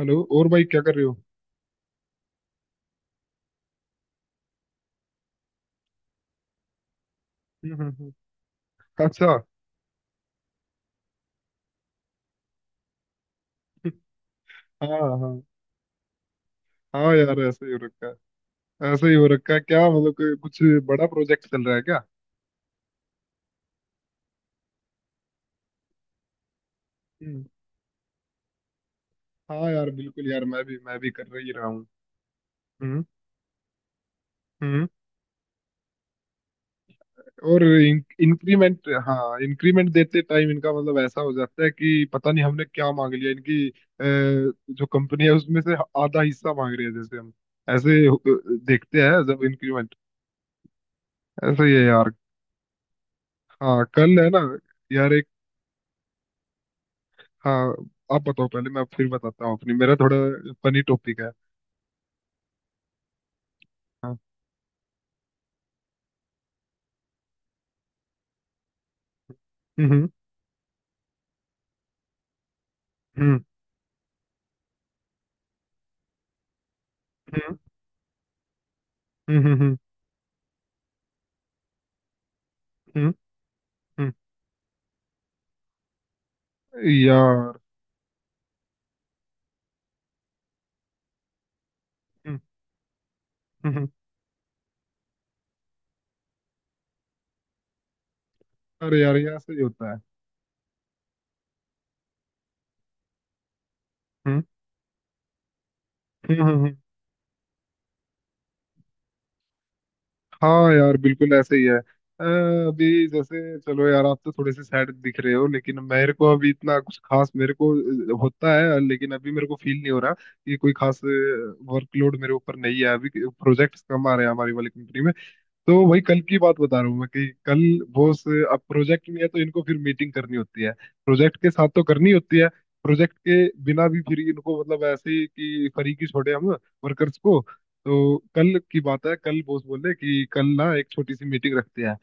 Hello और भाई, क्या कर रहे हो? हम्म, हम्म, हम्म। अच्छा। हाँ हाँ। हाँ यार, ऐसे ही हो रखा है। ऐसे ही हो रखा है, क्या मतलब कि कुछ बड़ा प्रोजेक्ट चल रहा है क्या? हम्म। हाँ यार बिल्कुल, यार मैं भी कर रही रहा हूँ। हम्म, हम्म। और इंक्रीमेंट, हाँ, इंक्रीमेंट देते टाइम इनका मतलब ऐसा हो जाता है कि पता नहीं हमने क्या मांग लिया। जो कंपनी है उसमें से आधा हिस्सा मांग रही है जैसे हम। ऐसे अ, देखते हैं जब इंक्रीमेंट ऐसे ही है यार। हाँ कल है ना। यार एक। हाँ आप बताओ पहले, मैं फिर बताता हूँ अपनी। मेरा थोड़ा फनी टॉपिक है। हाँ। हम्म हम्म हम्म हम्म हम्म हम्म हम्म, यार। हम्म, हम्म। अरे यार ये ऐसे ही होता है। हम्म हम्म। हाँ यार बिल्कुल ऐसे ही है। अ, अभी जैसे चलो यार, आप तो थोड़े से सैड दिख रहे हो, लेकिन मेरे को अभी इतना कुछ खास होता है। लेकिन अभी मेरे को फील नहीं हो रहा कि कोई खास वर्कलोड मेरे ऊपर नहीं है। अभी प्रोजेक्ट्स कम आ रहे हैं हमारी वाली कंपनी में। तो वही कल की बात बता रहा हूँ मैं कि कल वो उस- अब प्रोजेक्ट नहीं है तो इनको फिर मीटिंग करनी होती है। प्रोजेक्ट के साथ तो करनी होती है, प्रोजेक्ट के बिना भी फिर इनको मतलब ऐसे ही कि फरीकी छोड़े हम वर्कर्स को। तो कल की बात है, कल बॉस बोले कि कल ना एक छोटी सी मीटिंग रखते हैं।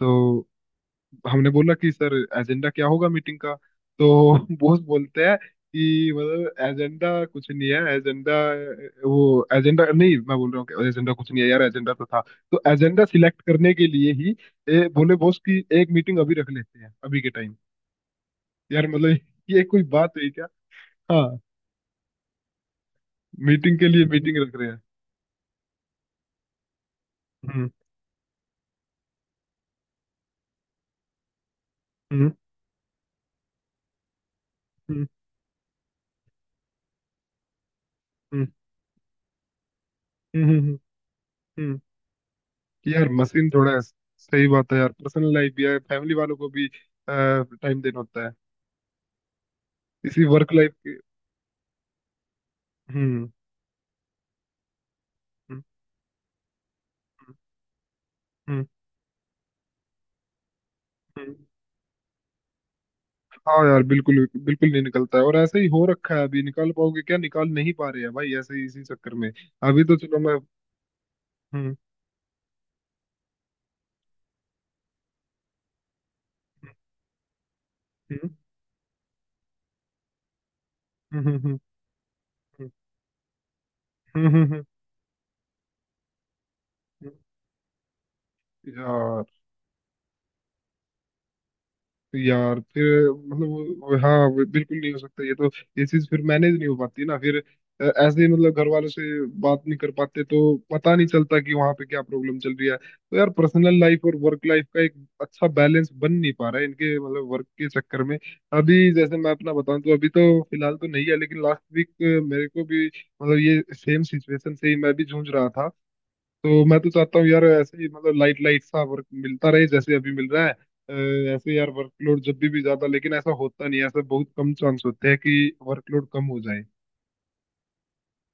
तो हमने बोला कि सर एजेंडा क्या होगा मीटिंग का। तो बॉस बोलते हैं कि मतलब एजेंडा कुछ नहीं है एजेंडा। वो एजेंडा नहीं, मैं बोल रहा हूँ कि एजेंडा कुछ नहीं है यार, एजेंडा तो था, तो एजेंडा सिलेक्ट करने के लिए ही बोले बॉस कि एक मीटिंग अभी रख लेते हैं अभी के टाइम। यार मतलब ये कोई बात हुई क्या? हाँ, मीटिंग के लिए मीटिंग रख रहे हैं। हम्म हम्म हम्म हम्म हम्म हम्म, हम्म। यार मशीन थोड़ा है। सही बात है यार, पर्सनल लाइफ भी है, फैमिली वालों को भी टाइम देना होता है इसी वर्क लाइफ के। हम्म हम्म हम्म हम्म। हाँ यार बिल्कुल, बिल्कुल नहीं निकलता है और ऐसे ही हो रखा है। अभी निकाल पाओगे क्या? निकाल नहीं पा रहे हैं भाई ऐसे ही इसी चक्कर में। अभी तो चलो मैं। हम्म हम्म हम्म हम्म हम्म हम्म, हम्म, हम्म, हम्म। यार। यार फिर मतलब हाँ, वो बिल्कुल नहीं हो सकता ये तो। ये चीज फिर मैनेज नहीं हो पाती ना फिर। ऐसे ही मतलब घर वालों से बात नहीं कर पाते तो पता नहीं चलता कि वहां पे क्या प्रॉब्लम चल रही है। तो यार पर्सनल लाइफ और वर्क लाइफ का एक अच्छा बैलेंस बन नहीं पा रहा है इनके मतलब वर्क के चक्कर में। अभी जैसे मैं अपना बताऊं तो अभी तो फिलहाल तो नहीं है, लेकिन लास्ट वीक मेरे को भी मतलब ये सेम सिचुएशन से ही मैं भी जूझ रहा था। तो मैं तो चाहता हूँ यार ऐसे ही मतलब लाइट लाइट सा वर्क मिलता रहे जैसे अभी मिल रहा है। ऐसे यार वर्कलोड जब भी ज्यादा, लेकिन ऐसा होता नहीं है, ऐसा बहुत कम चांस होते हैं कि वर्कलोड कम हो जाए।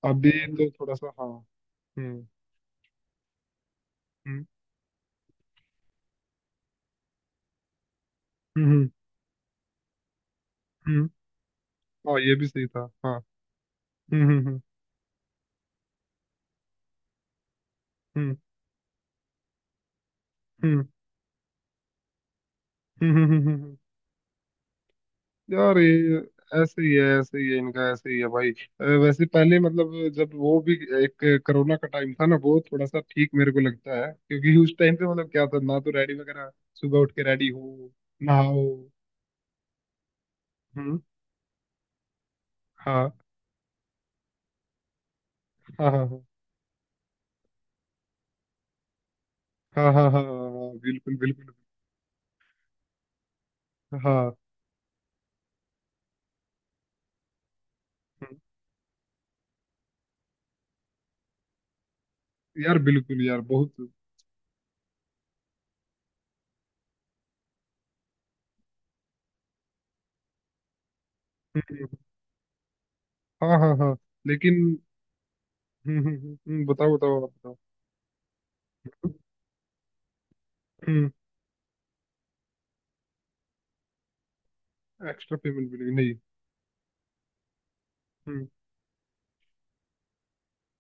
अभी तो थोड़ा सा हाँ। हम्म हम्म हम्म हम्म हम्म, हाँ ये भी सही था हाँ। हम्म हम्म हम्म हम्म हम्म हम्म। यार ये ऐसे ही है, ऐसे ही है इनका, ऐसे ही है भाई। वैसे पहले मतलब जब वो भी एक कोरोना का टाइम था ना, वो थोड़ा सा ठीक मेरे को लगता है क्योंकि उस टाइम पे मतलब क्या था ना, तो रेडी वगैरह सुबह उठ के रेडी हो, नहाओ। हम्म। हाँ हाँ हाँ हाँ हाँ हाँ हाँ हाँ हाँ, बिल्कुल बिल्कुल। हाँ। हम्म, यार बिल्कुल यार बहुत। हम्म। हाँ हाँ हाँ। लेकिन। बताओ बताओ आप बताओ। हम्म। एक्स्ट्रा पेमेंट मिलेगी नहीं। हम्म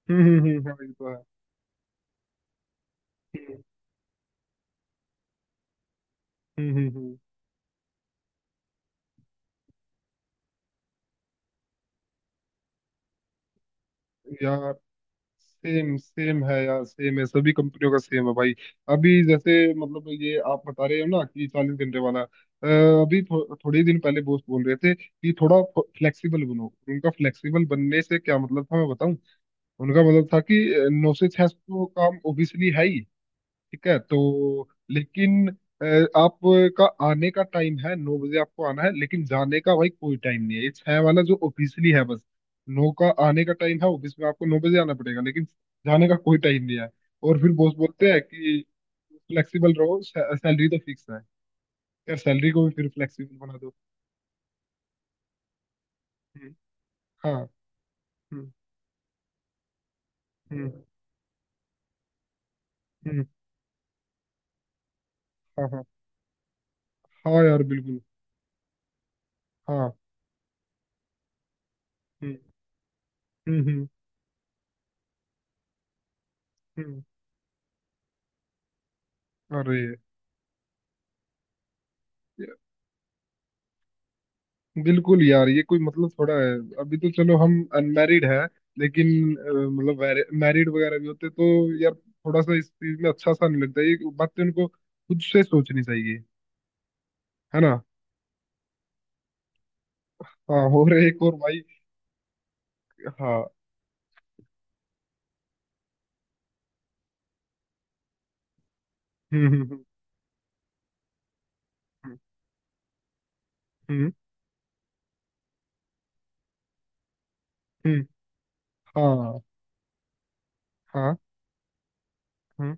हाँ ये तो है। हम्म हम्म हम्म, हम्म। यार सेम सेम है यार, सेम है, सभी कंपनियों का सेम है भाई। अभी जैसे मतलब ये आप बता रहे हो ना कि चालीस घंटे वाला। अभी थोड़े ही दिन पहले बॉस बोल रहे थे कि थोड़ा फ्लेक्सिबल बनो। उनका फ्लेक्सिबल बनने से क्या मतलब था मैं बताऊं। उनका मतलब था कि नौ से छह तो काम ऑब्वियसली है ही। ठीक है तो लेकिन आपका आने का टाइम है नौ बजे, आपको आना है लेकिन जाने का भाई कोई टाइम नहीं है। ये छह वाला जो ऑफिशियली है बस, नौ का आने का टाइम है, ऑफिस में आपको नौ बजे आना पड़ेगा, लेकिन जाने का कोई टाइम नहीं है। और फिर बॉस बोलते हैं कि फ्लेक्सिबल रहो, सैलरी तो फिक्स है। यार सैलरी को भी फिर फ्लेक्सिबल बना दो। हम्म, हाँ। हम्म हम्म हम्म। हाँ हाँ हाँ यार बिल्कुल। हाँ। हम्म हम्म हम्म हम्म। अरे बिल्कुल यार, ये कोई मतलब थोड़ा है। अभी तो चलो हम अनमैरिड है लेकिन मतलब मैरिड वगैरह भी होते तो यार थोड़ा सा इस चीज में अच्छा सा नहीं लगता। ये बातें उनको खुद से सोचनी चाहिए, है ना। हाँ, और एक और भाई। हाँ। हम्म हम्म हम्म हम्म हम्म, हम्म, हाँ हाँ। हम्म।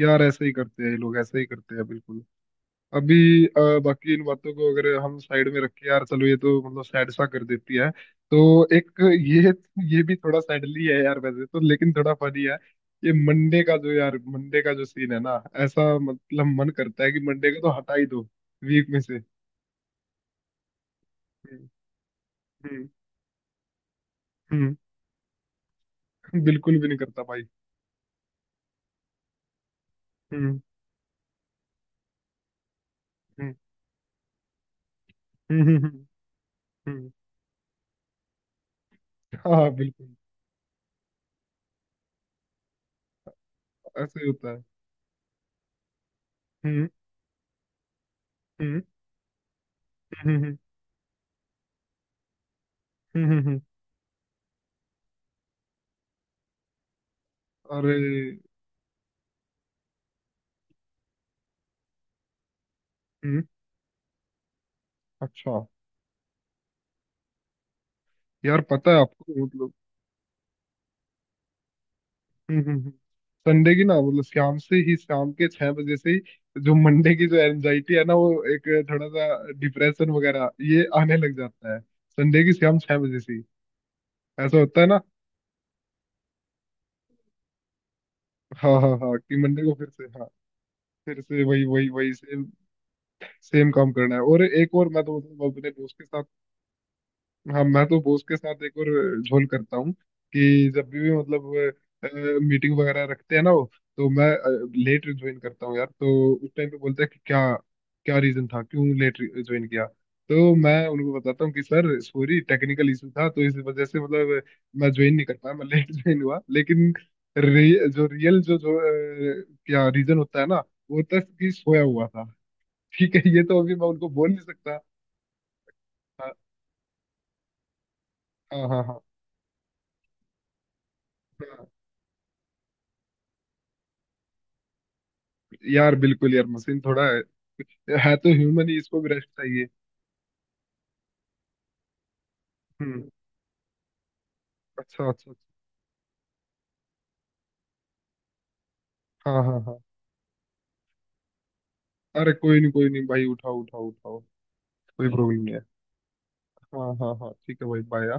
यार ऐसे ही करते हैं ये लोग, ऐसे ही करते हैं बिल्कुल। अभी बाकी इन बातों को अगर हम साइड में रखें यार, चलो ये तो मतलब सैड सा कर देती है। तो एक ये भी थोड़ा सैडली है यार वैसे तो, लेकिन थोड़ा फनी है। ये मंडे का जो, यार मंडे का जो सीन है ना, ऐसा मतलब मन करता है कि मंडे का तो हटा ही दो वीक में से। हम्म हम्म हम्म, बिल्कुल भी नहीं करता भाई। हम्म हम्म हम्म हम्म हम्म, हाँ बिल्कुल। ऐसे ही होता है। हम्म हम्म हम्म हम्म हम्म। अरे। हम्म। अच्छा। यार पता है आपको मतलब। हम्म हम्म, हम्म। संडे की ना मतलब शाम से ही, शाम के छह बजे से ही जो मंडे की जो एनजाइटी है ना, वो एक थोड़ा सा डिप्रेशन वगैरह ये आने लग जाता है संडे की शाम छह बजे से ही। ऐसा होता है ना। हाँ हाँ हाँ, कि मंडे को फिर से हाँ। फिर से वही वही वही सेम, सेम काम करना है। और एक और मैं तो मतलब अपने दोस्त के साथ। हाँ, मैं तो बॉस के साथ एक और झोल करता हूँ कि जब भी मतलब मीटिंग वगैरह रखते हैं ना वो, तो मैं लेट ज्वाइन करता हूँ यार। तो उस टाइम पे बोलते हैं कि क्या क्या रीजन था, क्यों लेट ज्वाइन किया। तो मैं उनको बताता हूँ कि सर सॉरी टेक्निकल इशू था तो इस वजह से मतलब मैं ज्वाइन नहीं कर पाया, मैं लेट ज्वाइन हुआ। लेकिन जो रियल जो जो क्या रीजन होता है ना, वो होता है कि सोया हुआ था। ठीक है ये तो अभी मैं उनको बोल नहीं सकता। हाँ हाँ हाँ हाँ। यार बिल्कुल, यार मशीन थोड़ा है तो ह्यूमन ही, इसको भी रेस्ट चाहिए। हम्म। अच्छा अच्छा अच्छा। हाँ हाँ हाँ। अरे कोई नहीं भाई, उठाओ उठाओ उठाओ, कोई प्रॉब्लम नहीं है। हाँ हाँ हाँ ठीक है भाई, बाय।